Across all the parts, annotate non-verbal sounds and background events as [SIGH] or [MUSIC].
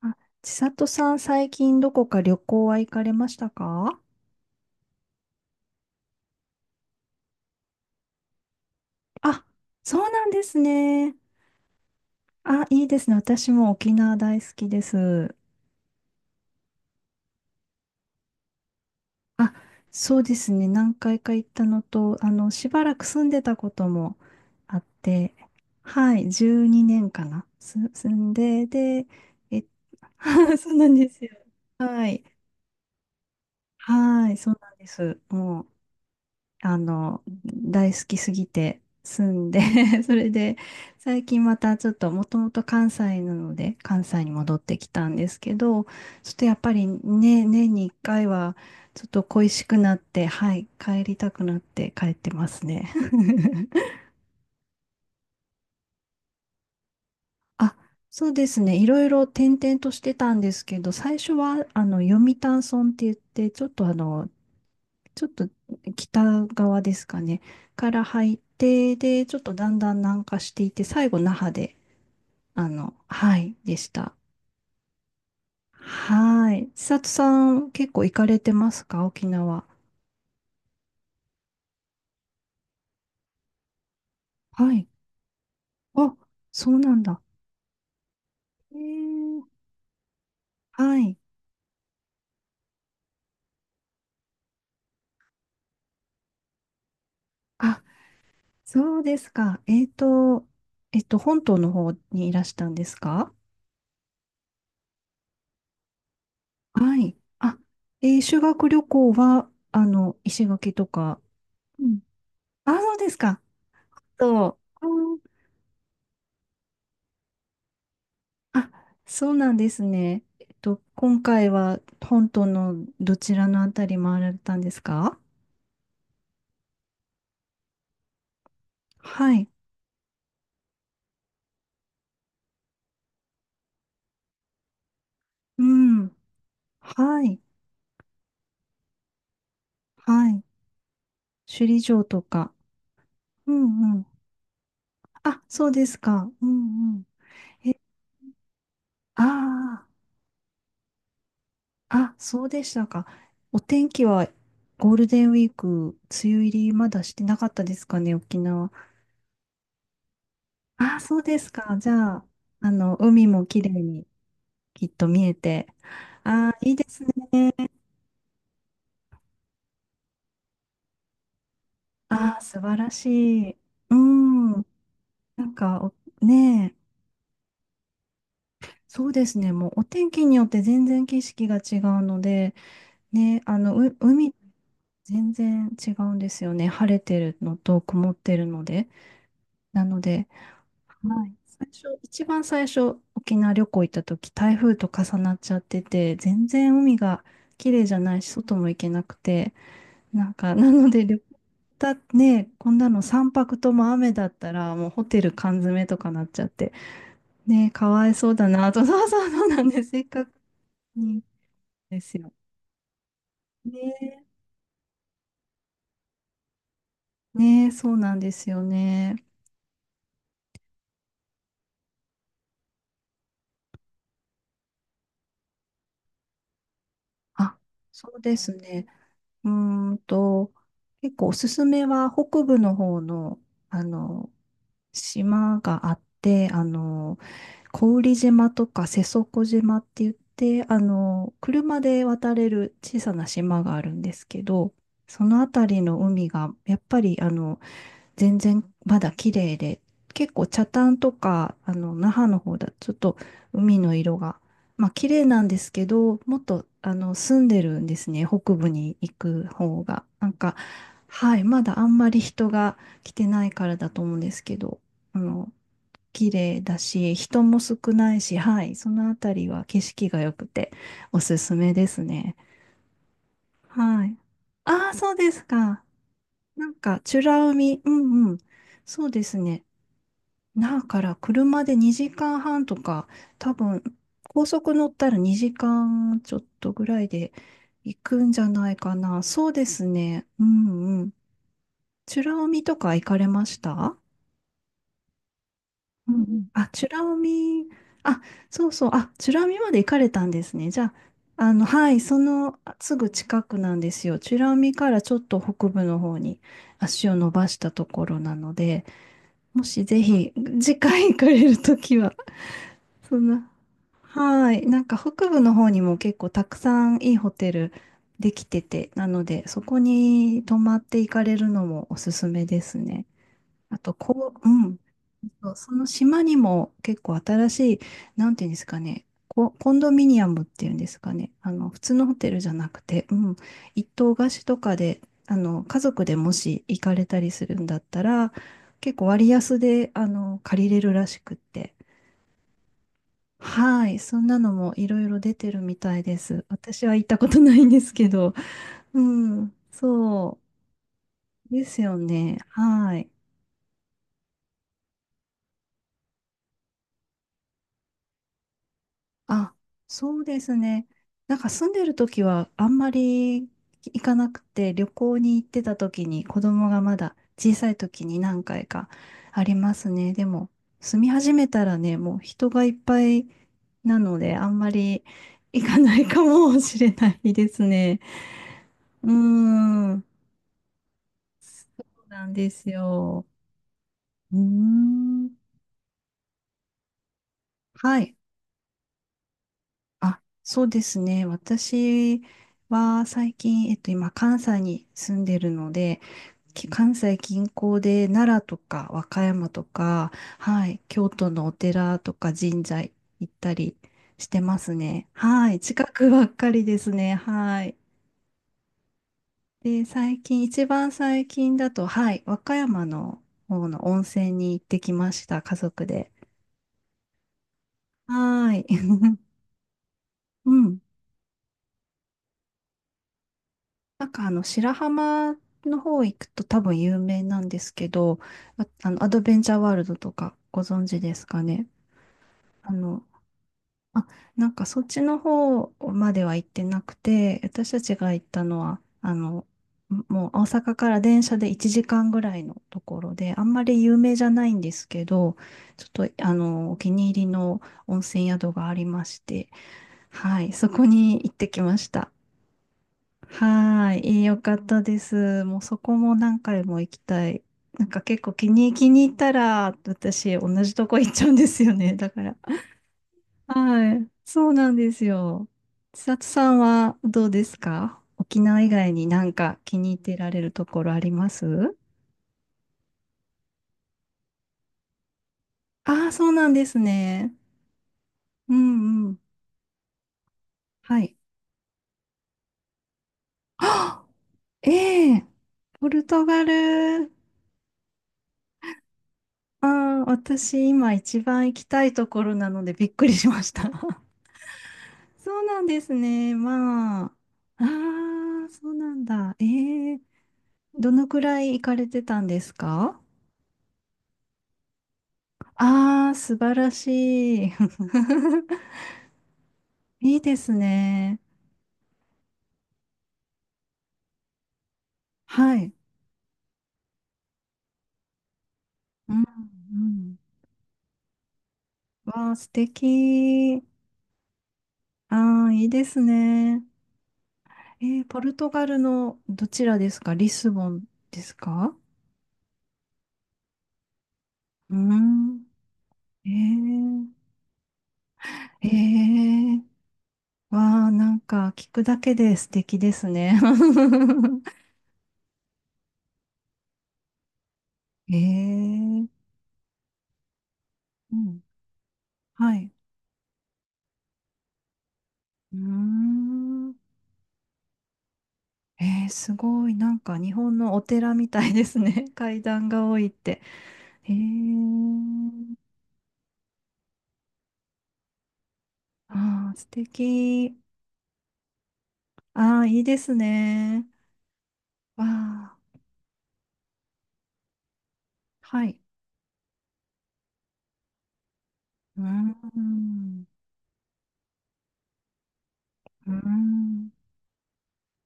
あ、千里さん、最近どこか旅行は行かれましたか？あ、そうなんですね。あ、いいですね。私も沖縄大好きです。あ、そうですね。何回か行ったのと、しばらく住んでたこともあって、はい、12年かな。住んで、で、え、[LAUGHS] そうなんですよ。はい。はい、そうなんです。もう大好きすぎて住んで [LAUGHS] それで、最近またちょっと、もともと関西なので、関西に戻ってきたんですけど、ちょっとやっぱりね、年に一回は、ちょっと恋しくなって、はい、帰りたくなって帰ってますね。[LAUGHS] あ、そうですね。いろいろ転々としてたんですけど、最初は、読谷村って言って、ちょっと北側ですかね、から入って、で、ちょっとだんだん南下していって、最後那覇で、はい、でした。はい。千里さん、結構行かれてますか沖縄？はい。あ、そうなんだ。えー、はい。あ、そうですか。本島の方にいらしたんですか？はい。あ、修学旅行は、石垣とか。うん、あ、そうですか。そう。あ、そうなんですね。今回は本島のどちらのあたり回られたんですか？はい。うん。はい。はい。首里城とか。うんうん。あ、そうですか。うんうん。え、ああ、あ、そうでしたか。お天気はゴールデンウィーク、梅雨入りまだしてなかったですかね、沖縄？あ、そうですか。じゃあ、海も綺麗にきっと見えて。ああ、いいですね。ああ、素晴らしい。うん。なんか、おねえ、そうですね。もうお天気によって全然景色が違うので、ね、海全然違うんですよね。晴れてるのと曇ってるので。なので、はい。最初、一番最初、沖縄旅行行った時、台風と重なっちゃってて、全然海が綺麗じゃないし、外も行けなくて、なんか、なので旅行だね、こんなの3泊とも雨だったら、もうホテル缶詰とかなっちゃって、ね、かわいそうだなと、[LAUGHS] そうそうそうなんです、せっかくにですよ。ね、ね、そうなんですよね。あ、そうですね。うーんと、結構おすすめは北部の方の、あの、島があって、小宇利島とか瀬底島って言って、車で渡れる小さな島があるんですけど、そのあたりの海が、やっぱり、全然まだ綺麗で、結構北谷とか、那覇の方だとちょっと海の色が、まあ綺麗なんですけど、もっと、住んでるんですね、北部に行く方が。なんか、はい、まだあんまり人が来てないからだと思うんですけど、あの、綺麗だし、人も少ないし、はい、そのあたりは景色が良くておすすめですね。はい。ああ、そうですか。なんか、美ら海、うんうん。そうですね。だから車で2時間半とか、多分、高速乗ったら2時間ちょっとぐらいで行くんじゃないかな。そうですね。うんうん。美ら海とか行かれました？うんうん。あ、美ら海、あ、そうそう。あ、美ら海まで行かれたんですね。じゃあ、はい、そのすぐ近くなんですよ。美ら海からちょっと北部の方に足を伸ばしたところなので、もしぜひ次回行かれるときは、そんな、はい。なんか北部の方にも結構たくさんいいホテルできてて、なので、そこに泊まって行かれるのもおすすめですね。あと、こう、うん。そうその島にも結構新しい、なんていうんですかね、コンドミニアムっていうんですかね、普通のホテルじゃなくて、うん、一棟貸しとかで、家族でもし行かれたりするんだったら、結構割安で、借りれるらしくって。はい、そんなのもいろいろ出てるみたいです。私は行ったことないんですけど。うん、そうですよね。はい。あ、そうですね。なんか住んでる時はあんまり行かなくて、旅行に行ってた時に子供がまだ小さい時に何回かありますね。でも住み始めたらね、もう人がいっぱいなので、あんまり行かないかもしれないですね。うーん。なんですよ。うーん。はい。あ、そうですね。私は最近、今、関西に住んでるので、関西近郊で奈良とか和歌山とか、はい、京都のお寺とか神社行ったりしてますね。はい、近くばっかりですね。はい。で、最近、一番最近だと、はい、和歌山の方の温泉に行ってきました、家族で。はい。[LAUGHS] うん。なんか白浜の方行くと多分有名なんですけど、あ、アドベンチャーワールドとかご存知ですかね？あの、あ、なんかそっちの方までは行ってなくて、私たちが行ったのは、もう大阪から電車で1時間ぐらいのところで、あんまり有名じゃないんですけど、ちょっとお気に入りの温泉宿がありまして、はい、そこに行ってきました。はーい、いいよかったです。もうそこも何回も行きたい。なんか結構気に入ったら、私同じとこ行っちゃうんですよね。だから。はい、そうなんですよ。千里さんはどうですか沖縄以外になんか気に入ってられるところあります？ああー、そうなんですね。うんうん。はい。[GASPS] あ、ええ、ポルトガル。ああ、私今一番行きたいところなのでびっくりしました。[LAUGHS] そうなんですね。まあ。ああ、そうなんだ。ええ、どのくらい行かれてたんですか？ああー、素晴らしい。[LAUGHS] いいですね。はい。うん、うん。わあ、素敵。ああ、いいですね。ポルトガルのどちらですかリスボンですか？うーん。えー、えー、わあ、なんか聞くだけで素敵ですね。[LAUGHS] ええ、うん、はい。うーん。ええ、すごい。なんか日本のお寺みたいですね。[LAUGHS] 階段が多いって。ええ、ああ、素敵。ああ、いいですね。わあ、はい。うーん。うーん。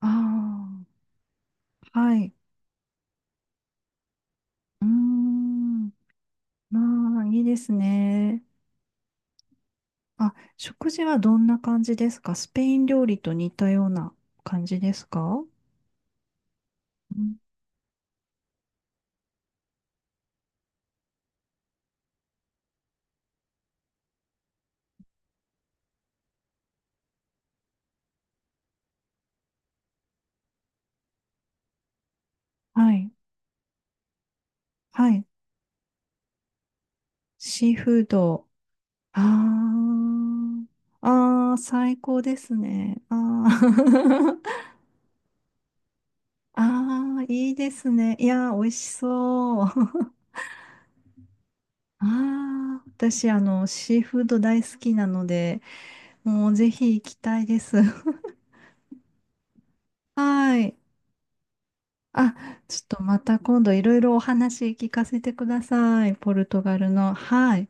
ああ、はい。うーん。まあ、いいですね。あ、食事はどんな感じですかスペイン料理と似たような感じですか？はい、はい。シーフード。ああ、ああ、最高ですね。ああ、[LAUGHS] ああ、いいですね。いやー、美味しそう。[LAUGHS] ああ、私、シーフード大好きなので、もうぜひ行きたいです。[LAUGHS] はい。あ、ちょっとまた今度いろいろお話聞かせてください。ポルトガルの。はい。